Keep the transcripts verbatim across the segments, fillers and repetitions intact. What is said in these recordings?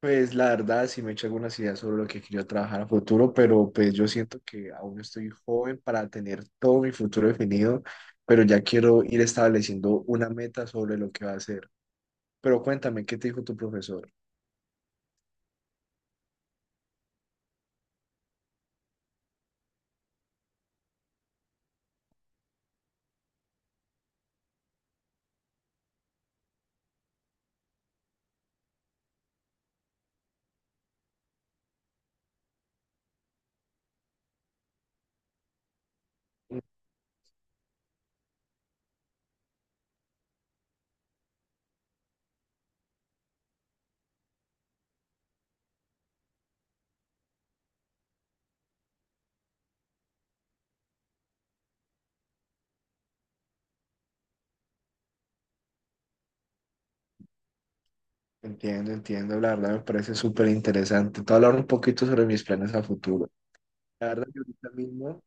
Pues la verdad sí me he hecho algunas ideas sobre lo que quiero trabajar a futuro, pero pues yo siento que aún estoy joven para tener todo mi futuro definido, pero ya quiero ir estableciendo una meta sobre lo que va a hacer. Pero cuéntame, ¿qué te dijo tu profesor? Mm. Entiendo, entiendo, la verdad me parece súper interesante. Te voy a hablar un poquito sobre mis planes a futuro. La verdad, yo ahorita mismo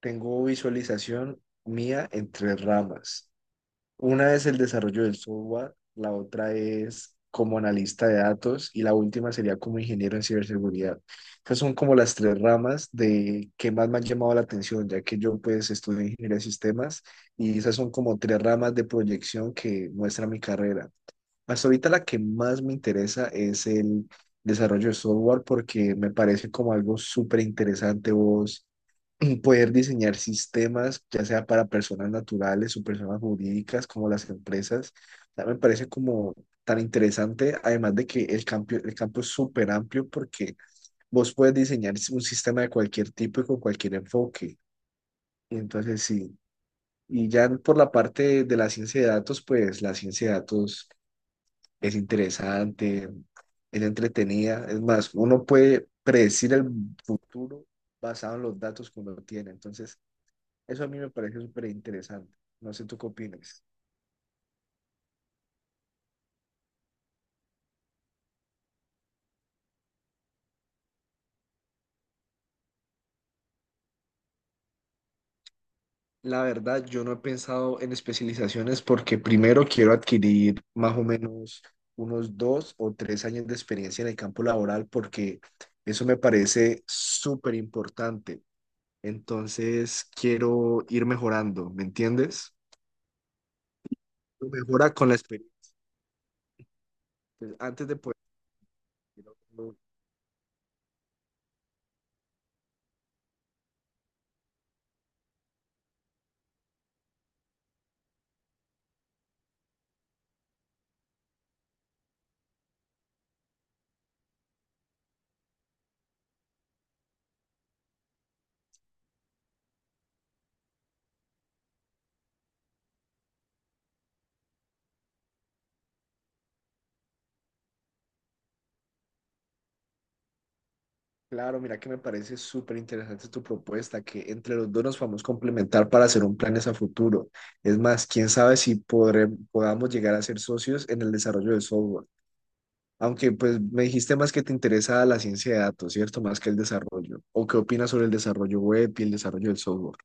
tengo visualización mía en tres ramas. Una es el desarrollo del software, la otra es como analista de datos y la última sería como ingeniero en ciberseguridad. Esas son como las tres ramas de que más me han llamado la atención, ya que yo pues estudio ingeniería de sistemas y esas son como tres ramas de proyección que muestra mi carrera. Hasta ahorita la que más me interesa es el desarrollo de software porque me parece como algo súper interesante vos poder diseñar sistemas, ya sea para personas naturales o personas jurídicas, como las empresas, ya me parece como tan interesante, además de que el campo, el campo es súper amplio porque vos puedes diseñar un sistema de cualquier tipo y con cualquier enfoque. Y entonces sí, y ya por la parte de la ciencia de datos, pues la ciencia de datos es interesante, es entretenida, es más, uno puede predecir el futuro basado en los datos que uno tiene. Entonces, eso a mí me parece súper interesante. No sé tú qué opinas. La verdad, yo no he pensado en especializaciones porque primero quiero adquirir más o menos unos dos o tres años de experiencia en el campo laboral porque eso me parece súper importante. Entonces, quiero ir mejorando, ¿me entiendes? Lo Mejora con la experiencia. Antes de poder Claro, mira que me parece súper interesante tu propuesta, que entre los dos nos podamos complementar para hacer un planes a futuro. Es más, quién sabe si podré- podamos llegar a ser socios en el desarrollo de software. Aunque pues me dijiste más que te interesa la ciencia de datos, ¿cierto? Más que el desarrollo. ¿O qué opinas sobre el desarrollo web y el desarrollo del software?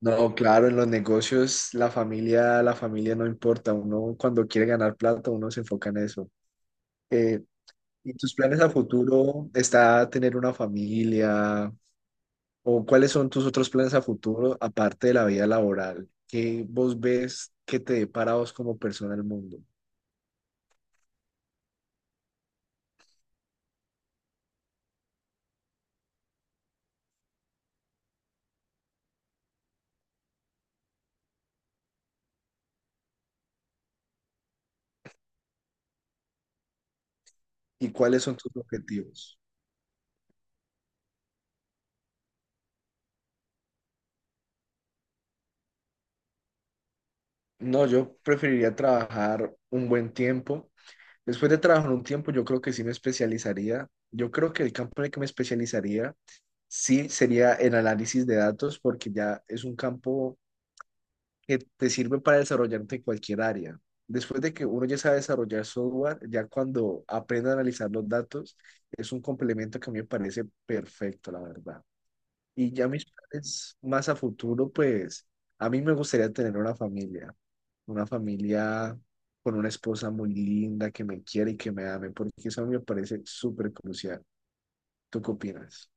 No, claro, en los negocios la familia, la familia no importa. Uno cuando quiere ganar plata, uno se enfoca en eso. Eh, ¿y tus planes a futuro está tener una familia? ¿O cuáles son tus otros planes a futuro, aparte de la vida laboral? ¿Qué vos ves que te depara a vos como persona el mundo? ¿Y cuáles son tus objetivos? No, yo preferiría trabajar un buen tiempo. Después de trabajar un tiempo, yo creo que sí me especializaría. Yo creo que el campo en el que me especializaría sí sería en análisis de datos, porque ya es un campo que te sirven para desarrollarte en cualquier área. Después de que uno ya sabe desarrollar software, ya cuando aprenda a analizar los datos, es un complemento que a mí me parece perfecto, la verdad. Y ya mis planes más a futuro, pues a mí me gustaría tener una familia, una familia con una esposa muy linda que me quiere y que me ame, porque eso a mí me parece súper crucial. ¿Tú qué opinas?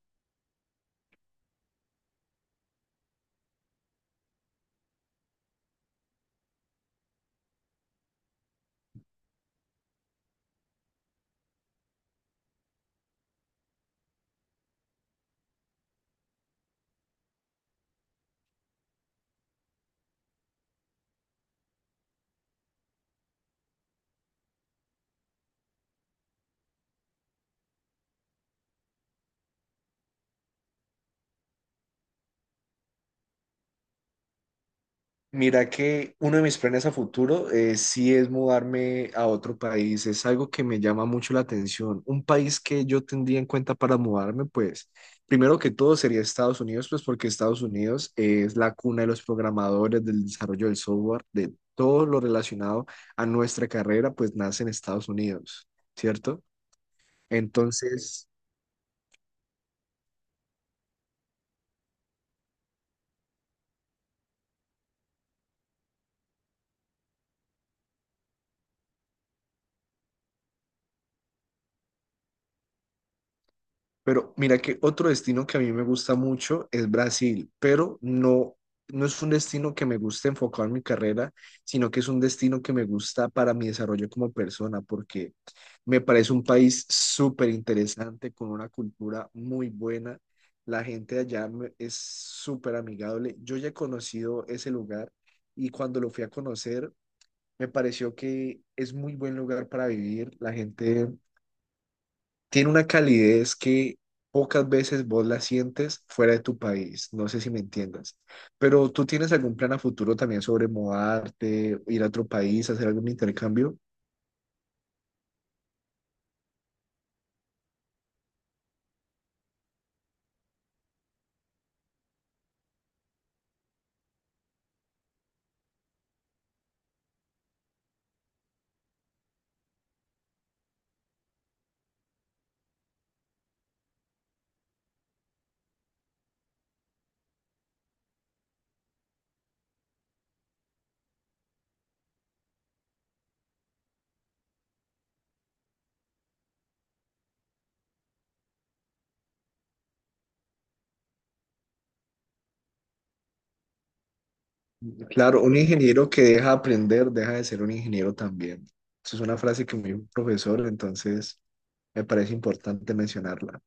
Mira que uno de mis planes a futuro eh, sí es mudarme a otro país. Es algo que me llama mucho la atención. Un país que yo tendría en cuenta para mudarme, pues, primero que todo sería Estados Unidos, pues porque Estados Unidos es la cuna de los programadores, del desarrollo del software, de todo lo relacionado a nuestra carrera, pues nace en Estados Unidos, ¿cierto? Entonces, pero mira que otro destino que a mí me gusta mucho es Brasil, pero no, no es un destino que me guste enfocado en mi carrera, sino que es un destino que me gusta para mi desarrollo como persona, porque me parece un país súper interesante, con una cultura muy buena. La gente de allá me- es súper amigable. Yo ya he conocido ese lugar y cuando lo fui a conocer, me pareció que es muy buen lugar para vivir. La gente tiene una calidez que pocas veces vos la sientes fuera de tu país. No sé si me entiendas. Pero ¿tú tienes algún plan a futuro también sobre mudarte, ir a otro país, hacer algún intercambio? Claro, un ingeniero que deja de aprender, deja de ser un ingeniero también. Esa es una frase que me dijo un profesor, entonces me parece importante mencionarla.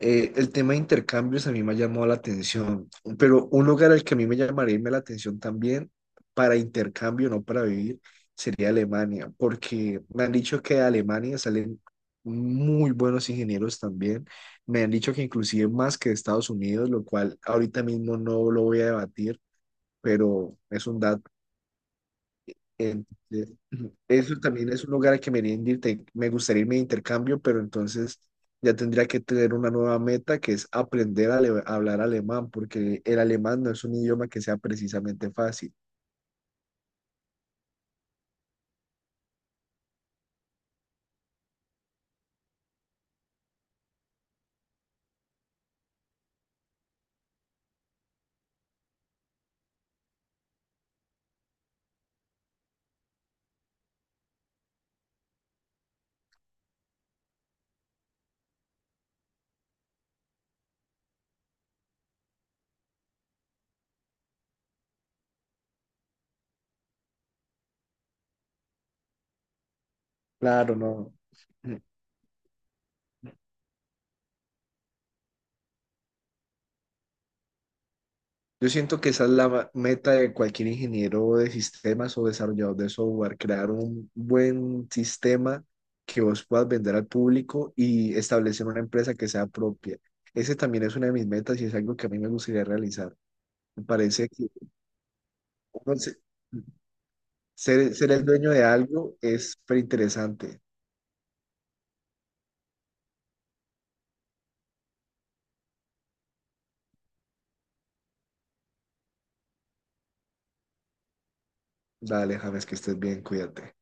Eh, el tema de intercambios a mí me ha llamado la atención, pero un lugar al que a mí me llamaría la atención también para intercambio, no para vivir, sería Alemania, porque me han dicho que de Alemania salen muy buenos ingenieros también. Me han dicho que inclusive más que de Estados Unidos, lo cual ahorita mismo no lo voy a debatir, pero es un dato entonces, eso también es un lugar al que me, iría de inter- me gustaría irme de intercambio, pero entonces ya tendría que tener una nueva meta que es aprender a, ale- a hablar alemán, porque el alemán no es un idioma que sea precisamente fácil. Claro, no. Yo siento que esa es la ma- meta de cualquier ingeniero de sistemas o desarrollador de software, crear un buen sistema que vos puedas vender al público y establecer una empresa que sea propia. Ese también es una de mis metas y es algo que a mí me gustaría realizar. Me parece que uno se- ser, ser el dueño de algo es súper interesante. Dale, James, que estés bien, cuídate.